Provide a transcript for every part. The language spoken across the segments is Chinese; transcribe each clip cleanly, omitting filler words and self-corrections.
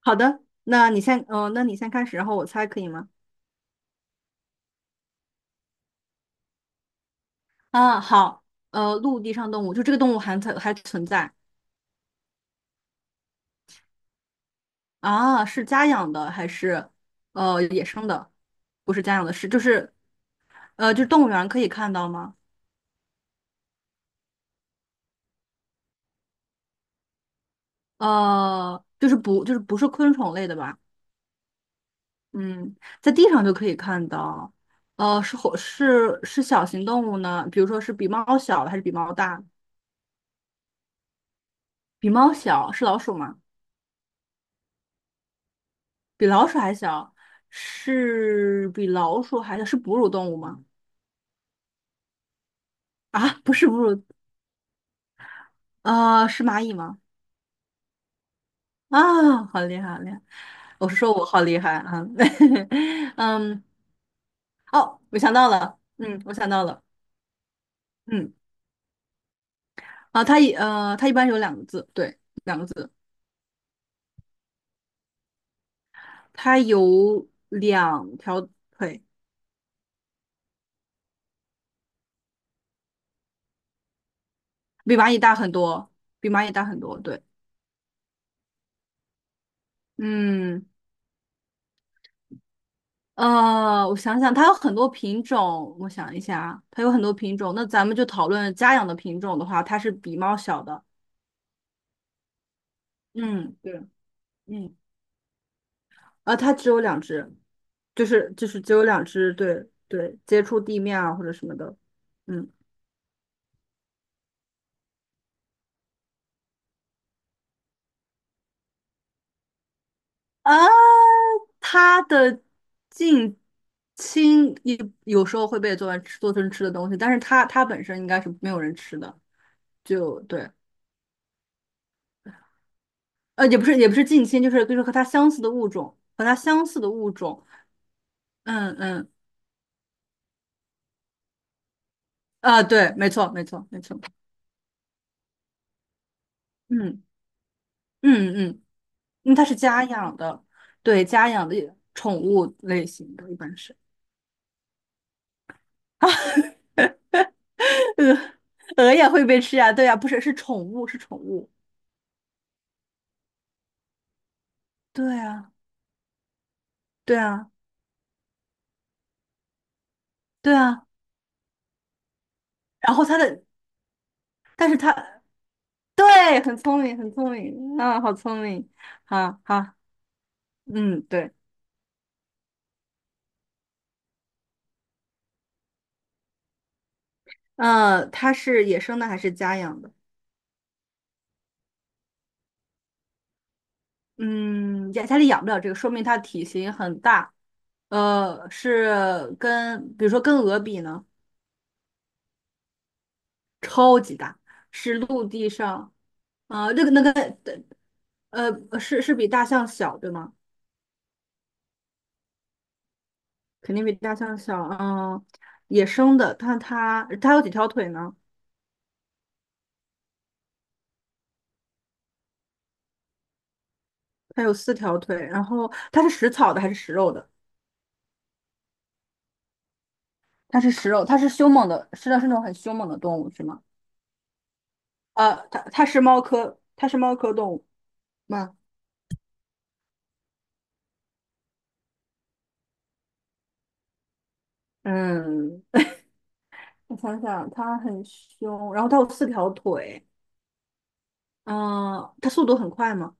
好的，那你先，那你先开始，然后我猜可以吗？啊，好，陆地上动物，就这个动物还存在。啊？是家养的还是野生的？不是家养的，是就是呃，就是动物园可以看到吗？呃，不是昆虫类的吧？嗯，在地上就可以看到。呃，是火是是小型动物呢？比如说是比猫小还是比猫大？比猫小是老鼠吗？比老鼠还小，是比老鼠还小，是哺乳动物吗？啊，不是哺乳，啊，是蚂蚁吗？啊，好厉害，好厉害！我是说我好厉害啊，嗯，哦，我想到了，嗯，我想到了。嗯，啊，它一般有两个字，对，两个字，它有两条腿，比蚂蚁大很多，比蚂蚁大很多，对。嗯，呃，我想想，它有很多品种，我想一下啊，它有很多品种。那咱们就讨论家养的品种的话，它是比猫小的。嗯，对。嗯，啊，它只有两只，就是只有两只，对，接触地面啊或者什么的。嗯，啊，它的近亲也有时候会被做成吃做成吃的东西，但是它本身应该是没有人吃的，就对。呃，也不是近亲，就是和它相似的物种，和它相似的物种。嗯，啊，对，没错。嗯嗯嗯。嗯，它是家养的，对，家养的宠物类型的，一般是。鹅鹅也会被吃呀？对呀，不是是宠物是宠物，对啊对啊对啊。然后它的，但是它对，很聪明很聪明，啊，好聪明，好好。嗯，对，呃，它是野生的还是家养的？嗯，家里养不了这个，说明它体型很大。呃，是跟比如说跟鹅比呢，比大是陆地上，呃，这个那个是是比大象小对吗？肯定比大象小。嗯、野生的，但它有几条腿呢？它有四条腿。然后它是食草的还是食肉的？它是食肉，它是凶猛的，是的是那种很凶猛的动物是吗？呃，它是猫科动物吗？嗯，我想想，它很凶，然后它有四条腿。嗯、它速度很快吗？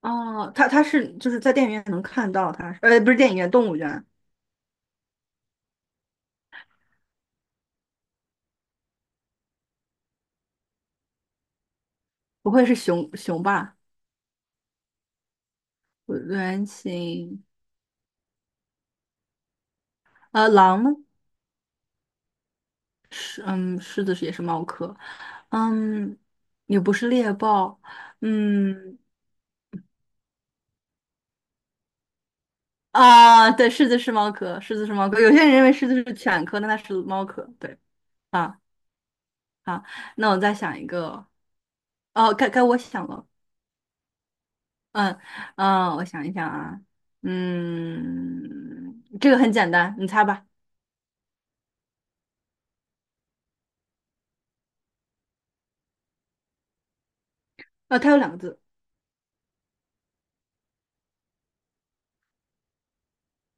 啊、它是就是在电影院能看到它，呃，不是电影院，动物园，不会是熊熊吧？原型，呃，狼呢狮，嗯，狮子是也是猫科。嗯，也不是猎豹。嗯，啊，对，狮子是猫科，狮子是猫科，有些人认为狮子是犬科，那它是猫科，对。啊啊，那我再想一个，哦，该我想了。嗯嗯，我想一想啊，嗯，这个很简单，你猜吧。呃，它有两个字，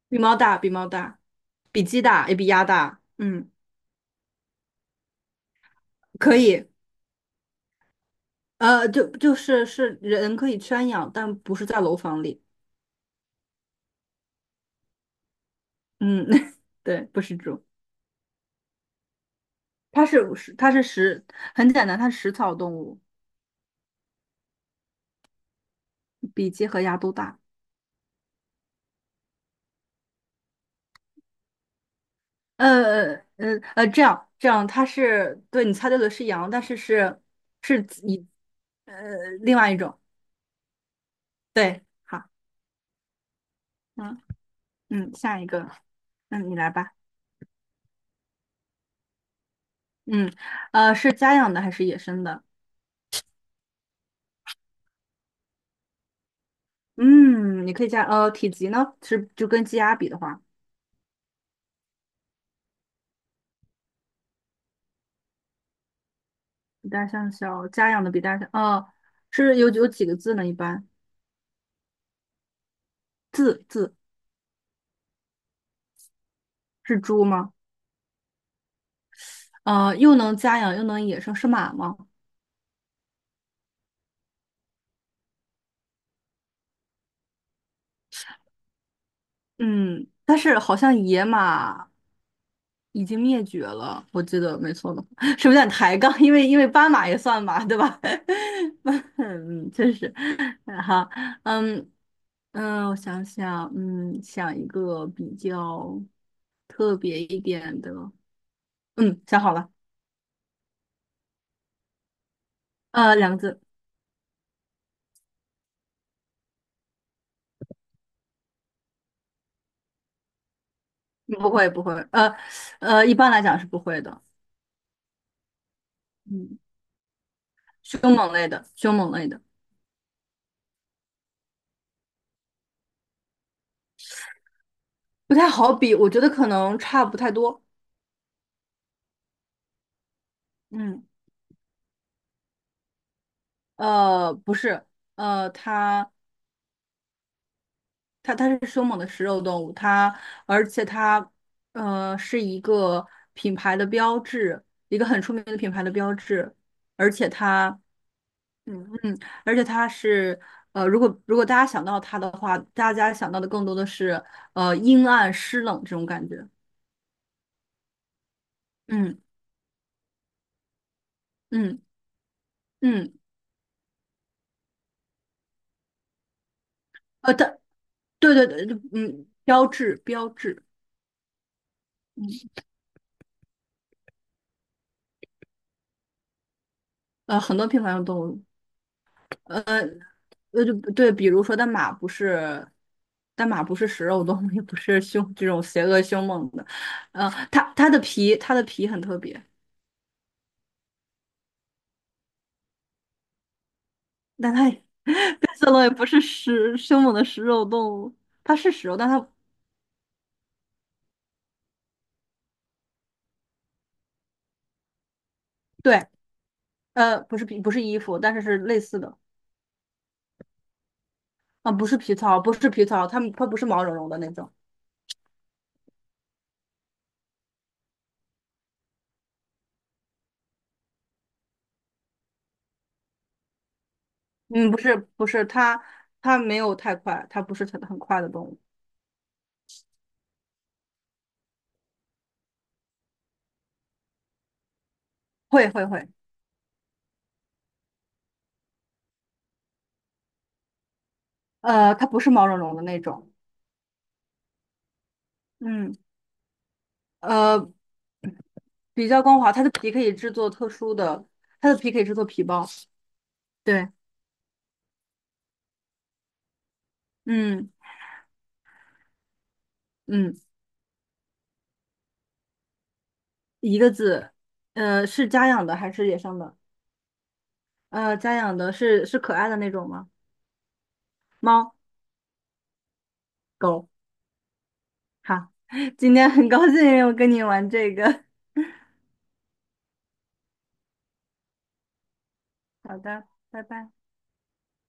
比猫大，比猫大，比鸡大，也比鸭大。嗯，可以。呃，就是人可以圈养，但不是在楼房里。嗯，对，不是猪，它是食，很简单，它是食草动物，比鸡和鸭都大。这样，它是对你猜对了，是羊，但是是呃另外一种。对。好。嗯嗯，下一个，嗯，你来吧。嗯，呃，是家养的还是野生的？嗯，你可以加，呃，体积呢是就跟鸡鸭比的话，比大象小，家养的比大象，呃，是有几个字呢？一般字是猪吗？呃，又能家养又能野生是马吗？嗯，但是好像野马已经灭绝了，我记得没错的话，是不是有点抬杠？因为斑马也算马，对吧？嗯，确实。嗯好。嗯。嗯，我想想，嗯，想一个比较特别一点的。嗯，想好了。呃，两个字，不会，不会，呃，呃，一般来讲是不会的。嗯，凶猛类的，凶猛类的，不太好比，我觉得可能差不太多。嗯，呃，不是，呃，它，它，它是凶猛的食肉动物，它，而且它，呃，是一个品牌的标志，一个很出名的品牌的标志，而且它。嗯。而且它是呃，如果大家想到它的话，大家想到的更多的是呃阴暗湿冷这种感觉。嗯嗯嗯，呃，它对，嗯，标志，呃，很多平凡的动物，呃，就对，比如说但马不是，但马不是食肉动物，也不是凶这种邪恶凶猛的。呃，它的皮很特别，但它也变 色龙也不是食凶猛的食肉动物，它是食肉，但它。对。呃，不是皮，不是衣服，但是是类似的。啊，不是皮草，不是皮草，它不是毛茸茸的那种。嗯，不是，它它没有太快，它不是很快的动物，会，呃，它不是毛茸茸的那种。嗯，呃，比较光滑，它的皮可以制作特殊的，它的皮可以制作皮包，对。嗯嗯，一个字，呃，是家养的还是野生的？呃，家养的是是可爱的那种吗？猫狗。好，今天很高兴又跟你玩这个。好的，拜拜。